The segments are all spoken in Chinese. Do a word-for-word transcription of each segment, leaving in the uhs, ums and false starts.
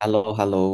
h e l l o h e l l o。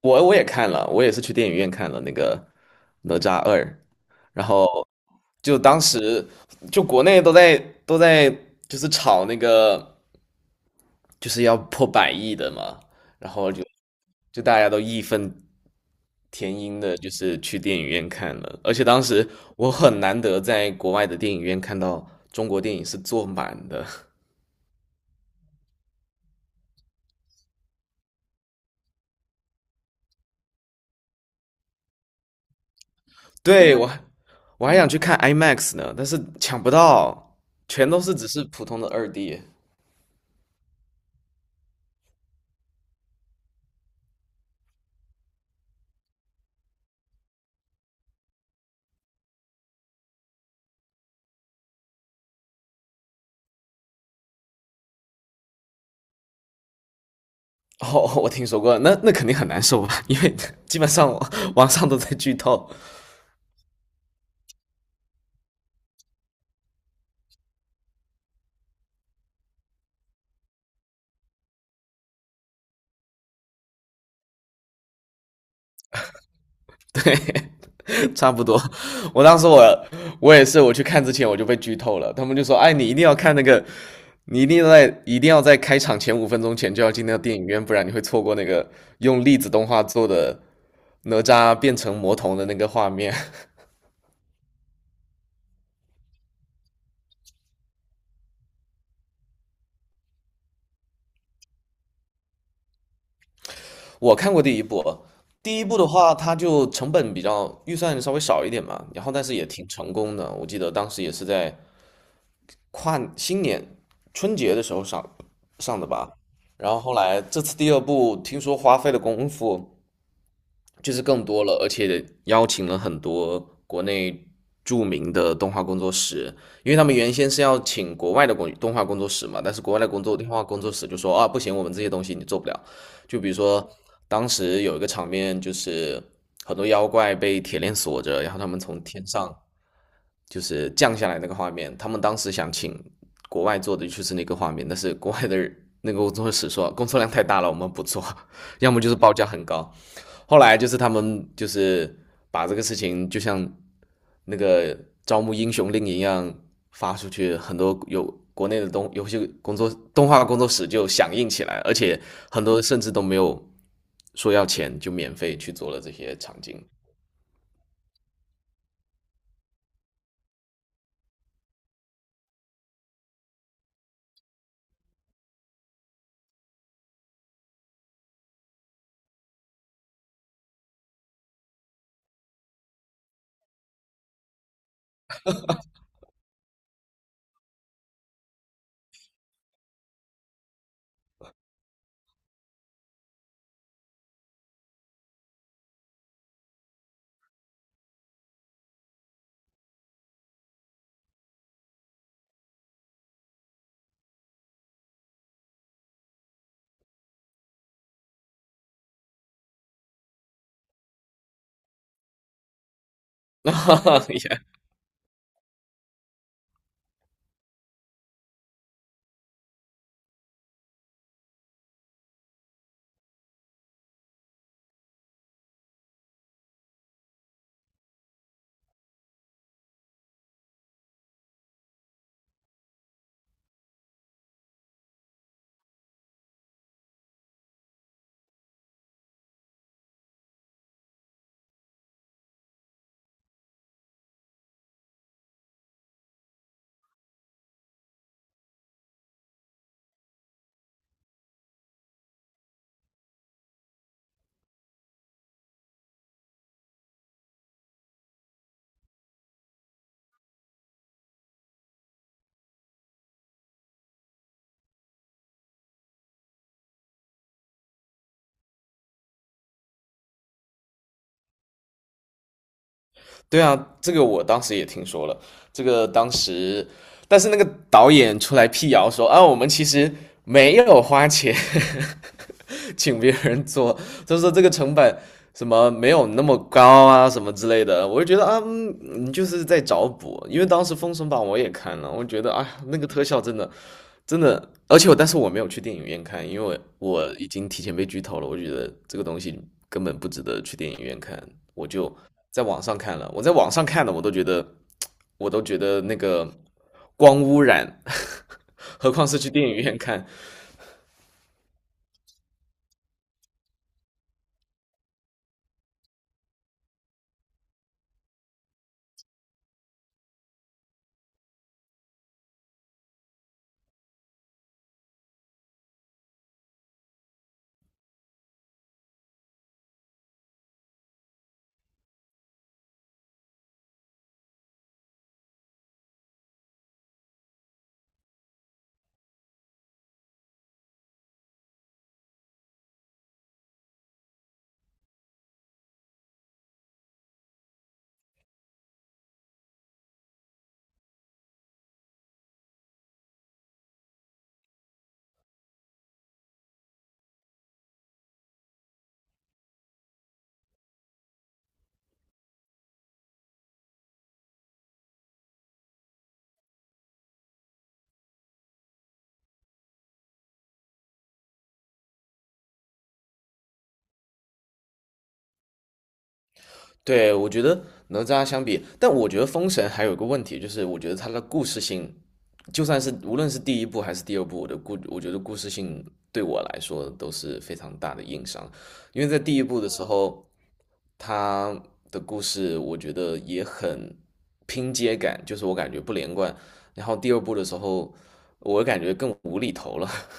我我也看了，我也是去电影院看了那个《哪吒二》。然后就当时就国内都在都在就是炒那个就是要破百亿的嘛。然后就就大家都义愤填膺的，就是去电影院看了，而且当时我很难得在国外的电影院看到中国电影是坐满的。对，我还我还想去看 IMAX 呢，但是抢不到，全都是只是普通的二 D。哦，我听说过，那那肯定很难受吧？因为 基本上网网上都在剧透。对，差不多。我当时我我也是，我去看之前我就被剧透了。他们就说："哎，你一定要看那个，你一定要在一定要在开场前五分钟前就要进那个电影院，不然你会错过那个用粒子动画做的哪吒变成魔童的那个画面。"我看过第一部。第一部的话，它就成本比较预算稍微少一点嘛，然后但是也挺成功的。我记得当时也是在跨新年春节的时候上上的吧。然后后来这次第二部听说花费的功夫就是更多了，而且邀请了很多国内著名的动画工作室。因为他们原先是要请国外的工动画工作室嘛，但是国外的工作动画工作室就说啊，不行，我们这些东西你做不了。就比如说，当时有一个场面，就是很多妖怪被铁链锁着，然后他们从天上就是降下来那个画面。他们当时想请国外做的就是那个画面，但是国外的那个工作室说工作量太大了，我们不做。要么就是报价很高。后来就是他们就是把这个事情就像那个招募英雄令一样发出去。很多有国内的东，游戏工作动画工作室就响应起来，而且很多甚至都没有说要钱，就免费去做了这些场景。也对啊，这个我当时也听说了，这个当时。但是那个导演出来辟谣说啊，我们其实没有花钱请别人做。就是说这个成本什么没有那么高啊，什么之类的。我就觉得啊，嗯你就是在找补。因为当时《封神榜》我也看了，我觉得啊，那个特效真的真的，而且我但是我没有去电影院看。因为我已经提前被剧透了，我觉得这个东西根本不值得去电影院看，我就在网上看了。我在网上看的，我都觉得，我都觉得那个光污染，何况是去电影院看。对，我觉得哪吒相比，但我觉得封神还有个问题。就是我觉得它的故事性，就算是无论是第一部还是第二部，我的故我觉得故事性对我来说都是非常大的硬伤。因为在第一部的时候，它的故事我觉得也很拼接感，就是我感觉不连贯。然后第二部的时候，我感觉更无厘头了。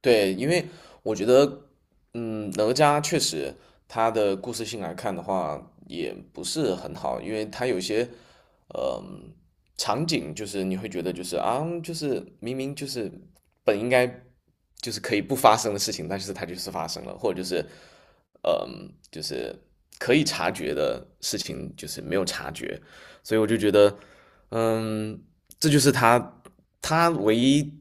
对，因为我觉得，嗯，哪吒确实他的故事性来看的话，也不是很好。因为他有些场景就是你会觉得就是啊，就是明明就是本应该就是可以不发生的事情，但是它就是发生了，或者就是嗯，呃就是可以察觉的事情，就是没有察觉。所以我就觉得，嗯，这就是他他唯一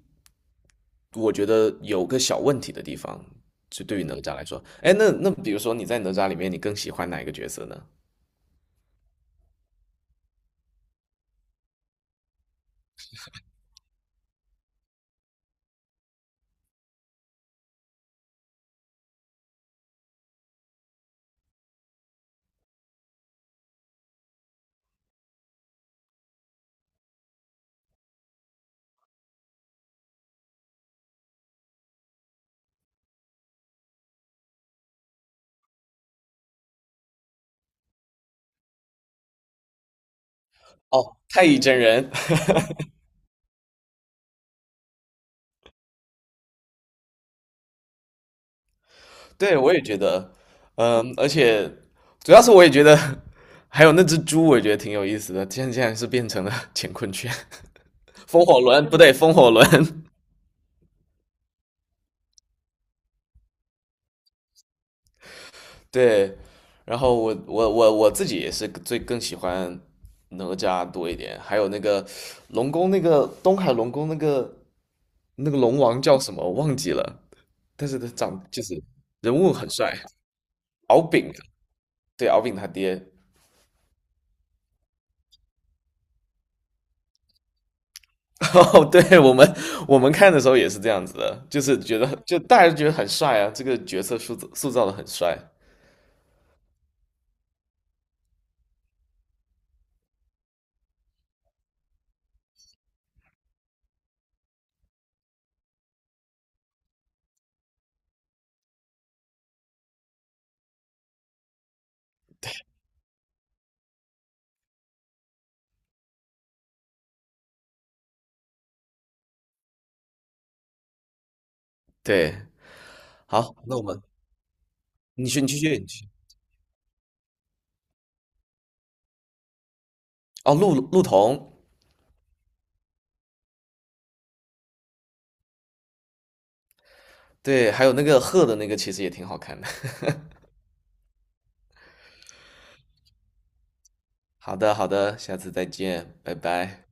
我觉得有个小问题的地方。就对于哪吒来说，哎，那那比如说你在哪吒里面，你更喜欢哪一个角色呢？哦，太乙真人。对，我也觉得，嗯，而且主要是我也觉得，还有那只猪，我也觉得挺有意思的。现在竟然是变成了 乾坤圈、风火轮，不对，风火轮。对。然后我我我我自己也是最更喜欢哪吒多一点。还有那个龙宫那个东海龙宫那个那个龙王叫什么我忘记了，但是他长就是人物很帅。敖丙，对，敖丙他爹。哦，对，我们我们看的时候也是这样子的，就是觉得就大家觉得很帅啊，这个角色塑造塑造的很帅。对，好，那我们你去你去续，你继续。哦，陆陆童。对，还有那个贺的那个其实也挺好看的。好的，好的，下次再见，拜拜。